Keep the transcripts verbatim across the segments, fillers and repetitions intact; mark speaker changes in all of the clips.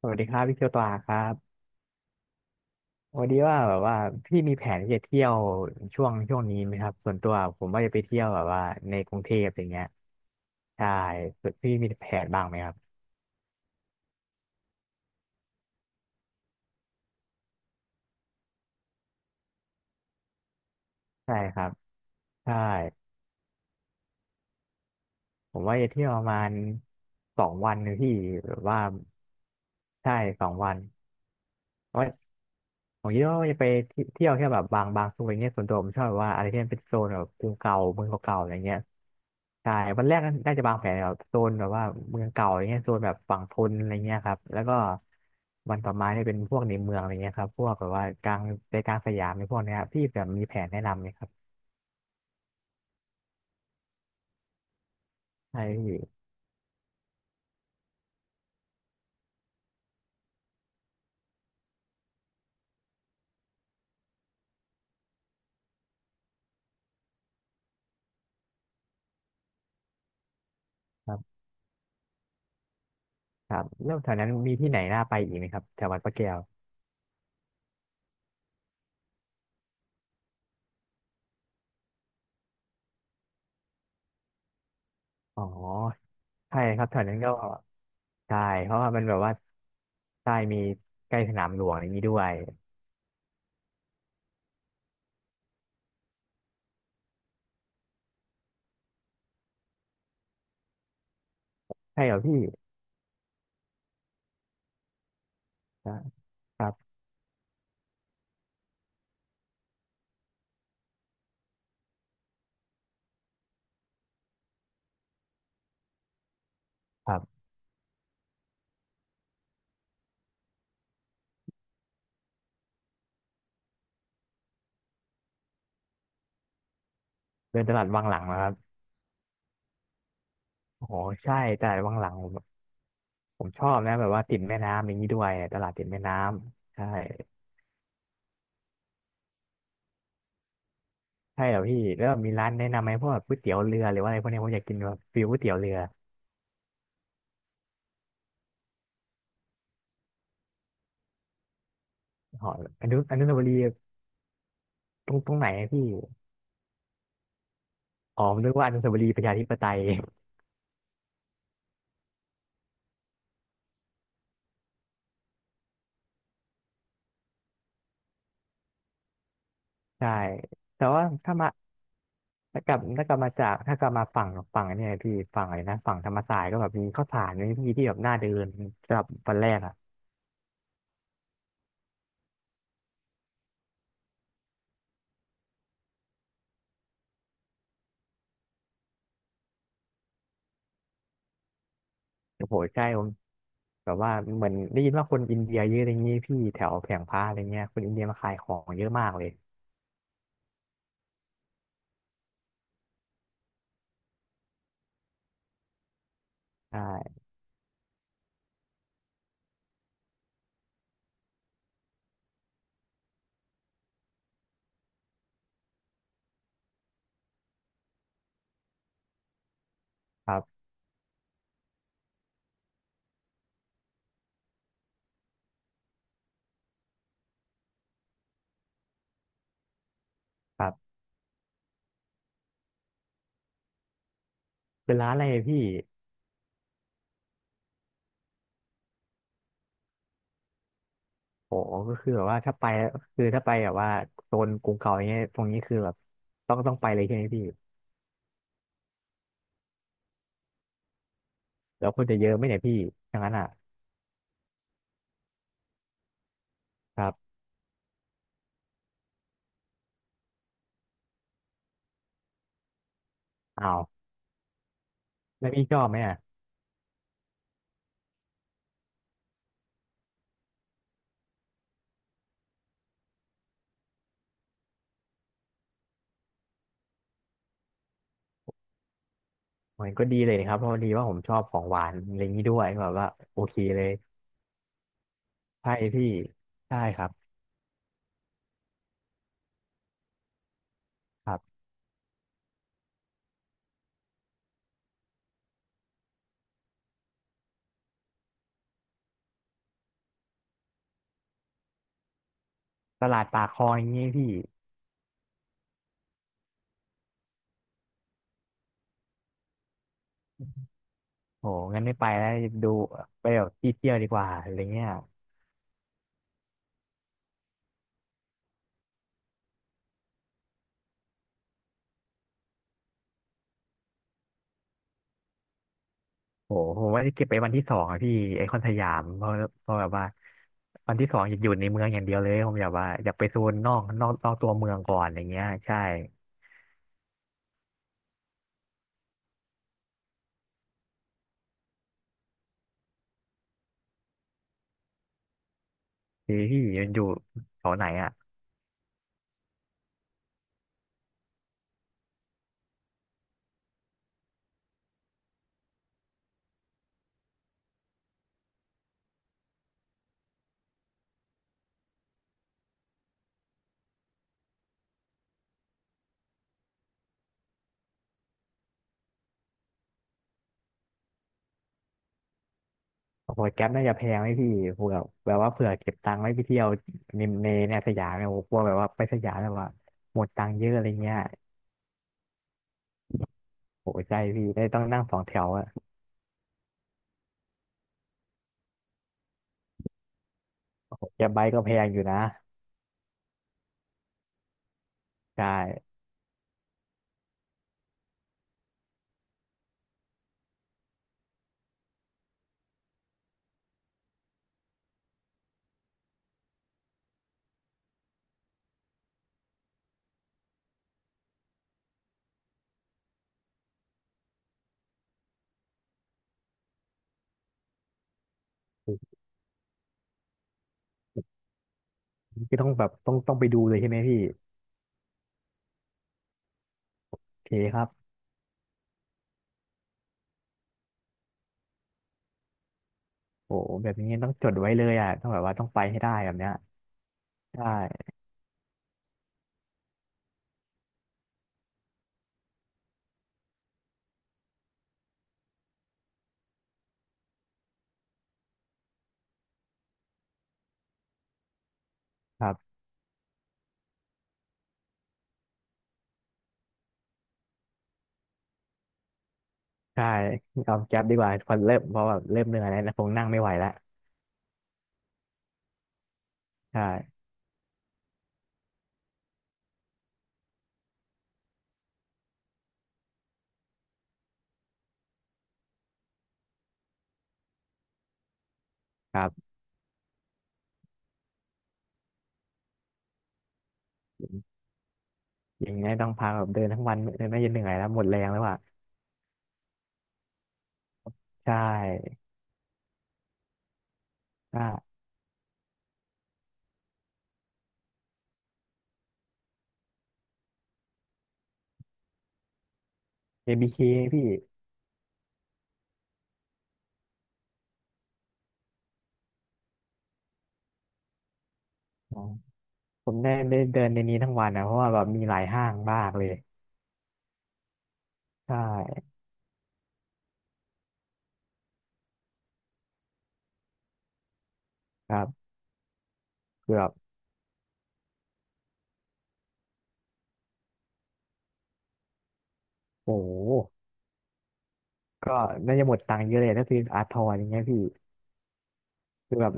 Speaker 1: สวัสดีครับพี่เคียวตวาครับวันนี้ว่าแบบว่าพี่มีแผนที่จะเที่ยวช่วงช่วงนี้ไหมครับส่วนตัวผมว่าจะไปเที่ยวแบบว่าในกรุงเทพอย่างเงี้ยใช่ส่วนพี่มีแผนบ้างไหมครับใช่ครับใช่ผมว่าจะเที่ยวประมาณสองวันนะพี่แบบว่าใช่สองวันเพราะว่าผมคิดว่าจะไปเที่ยวแค่แบบบางบางส่วนอย่างเงี้ยส่วนตัวผมชอบแบบว่าอะไรที่มันเป็นโซนแบบกรุงเก่าเมืองเก่าๆอะไรเงี้ย ใช่วันแรกน่าจะวางแผนแบบโซนแบบว่าเมืองเก่าอย่างเงี้ยโซนแบบฝั่งทนอะไรเงี้ยครับแล้วก็วันต่อมาเนี่ยเป็นพวกในเมืองอะไรเงี้ยครับพวกแบบว่ากลางใจกลางสยามในพวกเนี้ยครับพี่แบบมีแผนแนะนำไหมครับใช่พี่ครับครับแล้วแถวนั้นมีที่ไหนน่าไปอีกไหมครับแถววัดพระแก้วอ๋อใช่ครับแถวนั้นก็ใช่เพราะว่ามันแบบว่าใช่มีใกล้สนามหลวงอย่างนี้ด้วยใช่เหรอพี่ครับครับครับเดินตลาดวังหลังนะครับโอ้โหใช่ตลาดวังหลัง ผมชอบนะแบบว่าติดแม่น้ำอย่างนี้ด้วยตลาดติดแม่น้ำใช่ใช่เหรอพี่แล้วมีร้านแนะนำไหมพวกแบบก๋วยเตี๋ยวเรือหรือว่าอะไรพวกเนี้ยผมอยากกินแบบฟิวก๋วยเตี๋ยวเรือหออนุอนุสาวรีย์ตรงตรงไหนอะพี่อ๋อผมนึกว่าอนุสาวรีย์ประชาธิปไตย ใช่แต่ว่าถ้ามาถ้ากลับถ้ากลับมาจากถ้ากลับมาฝั่งฝั่งเนี่ยพี่ฝั่งอะไรนะฝั่งธรรมศาสตร์ก็แบบมีข้าวสารมีพี่ที่แบบน่าเดินสำหรับวันแรกอ่ะโอ้โหใช่ผมแบบว่าเหมือนได้ยินว่าคนอินเดียเยอะอะไรเงงี้ยพี่แถวแผงพระอะไรเงี้ยคนอินเดียมาขายของเยอะมากเลย ใช่ครับครับเป็นร้านอะไรพี่โหก็คือแบบว่าถ้าไปคือถ้าไปแบบว่าโซนกรุงเก่าอย่างเงี้ยตรงนี้คือแบบต้องต้องไปเลยใช่ไหมพี่แล้วคนจะเยอะไหมเนี่ยพี่อย่างนั้นอ่ะครับอ้าวแล้วพี่ชอบไหมอ่ะมันก็ดีเลยครับเพราะดีว่าผมชอบของหวานอะไรอย่างนี้ด้วยแบบว่าโอเคเลยใช่พี่ใช่ครับครับตลาดปากคลองอย่างงี้พี่โหงั้นไม่ไปแล้วดูไปแบบที่เที่ยวดีกว่าอะไรเงี้ย โหผมว่าจะเก็บไปวันที่สองอะพี่ไอคอนสยามเพราะเพราะแบบว่าวันที่สองอยากอยู่ในเมืองอย่างเดียวเลยผมอยากว่าอยากไปโซนนอกนอกนอกตัวเมืองก่อนอย่างเงี้ยใช่พี่พี่มันอยู่แถวไหนอ่ะโอ้โหแก๊ปน่าจะแพงไหมพี่เผื่อแบบว่าเผื่อเก็บตังค์ไว้ไปเที่ยวในในในสยามเนี่ยโอ้โหกลัวแบบว่าไปสยามแบบว่าหมดตังค์เยอะอะไรเงี้ยโอ้โหใช่พี่ได้ต้องนั่งสองแถวอะโอ้โหแก๊ปไบค์ก็แพงอยู่นะใช่พี่ต้องแบบต้องต้องไปดูเลยใช่ไหมพี่โอเคครับ โอ้โหแบบนี้ต้องจดไว้เลยอ่ะต้องแบบว่าต้องไปให้ได้แบบเนี้ยใช่ครับใช่เอาแก๊ปดีกว่าพอเริ่มเพราะแบบเริ่มเหนื่อยแล้วนะคงนั่งไม่ไหวแล้วใช่ครับอย่างนี้ต้องพาแบบเดินทั้งวันเดินไม่จนเหนื่อยแล้วหมดแรงแล้วอ่ะใช่ใช่ เอ บี เค พี่อ๋อผมได้ได้เดินในนี้ทั้งวันนะเพราะว่าแบบมีหลายห้างมากเลยใช่ครับคือแบบโอ้โหก็น่าจะหมดตังค์เยอะเลยถ้าซื้ออาร์ทอนอย่างเงี้ยพี่คือแบบ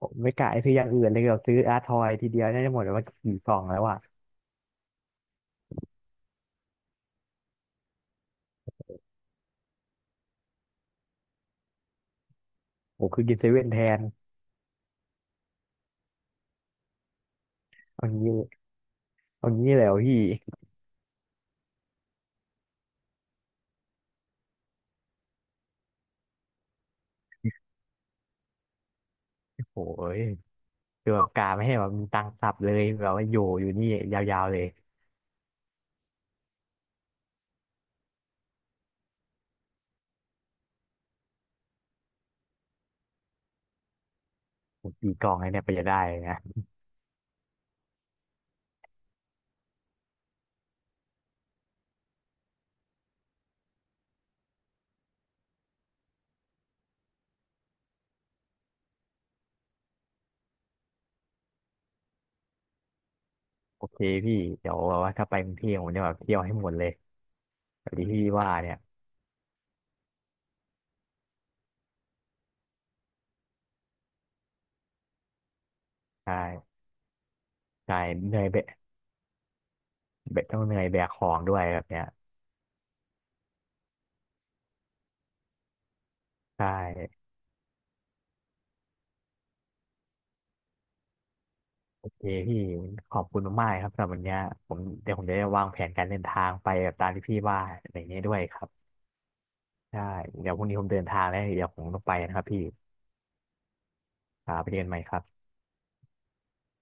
Speaker 1: ผมไม่กะซื้ออย่างอื่นเลยเดีซื้ออาร์ทอยทีเดียวน่าจะหมดแล้วว่ากี่กล่องแล้วอ่ะโอ้คือกินเซเว่นแทนเอางี้เอางี้เลยเหรอพี่โอ้ยคือแบบกาไม่ให้แบบมีตังค์สับเลยแบบว่าอยู่อยู่นี่ยาวๆเลยโอ้กี่กล่องเลยเนี่ยไปจะได้นะโอเคพี่เดี๋ยวแบบว่าถ้าไปกรุงเทพผมจะแบบเที่ยวให้หมดเลยแบบที่พี่ว่าเนี่ยใช่ใช่เหนื่อยแบกแบกต้องเหนื่อยแบกของด้วยแบบเนี้ยใช่ โอเคพี่ขอบคุณมากๆครับสำหรับวันเนี้ยผมเดี๋ยวผมจะได้วางแผนการเดินทางไปแบบตามที่พี่ว่าอะไรอย่างเงี้ยด้วยครับใช่เดี๋ยวพรุ่งนี้ผมเดินทางแล้วเดี๋ยวผมต้องไปนะครับพี่ครับไปเจอกันใหม่ครับ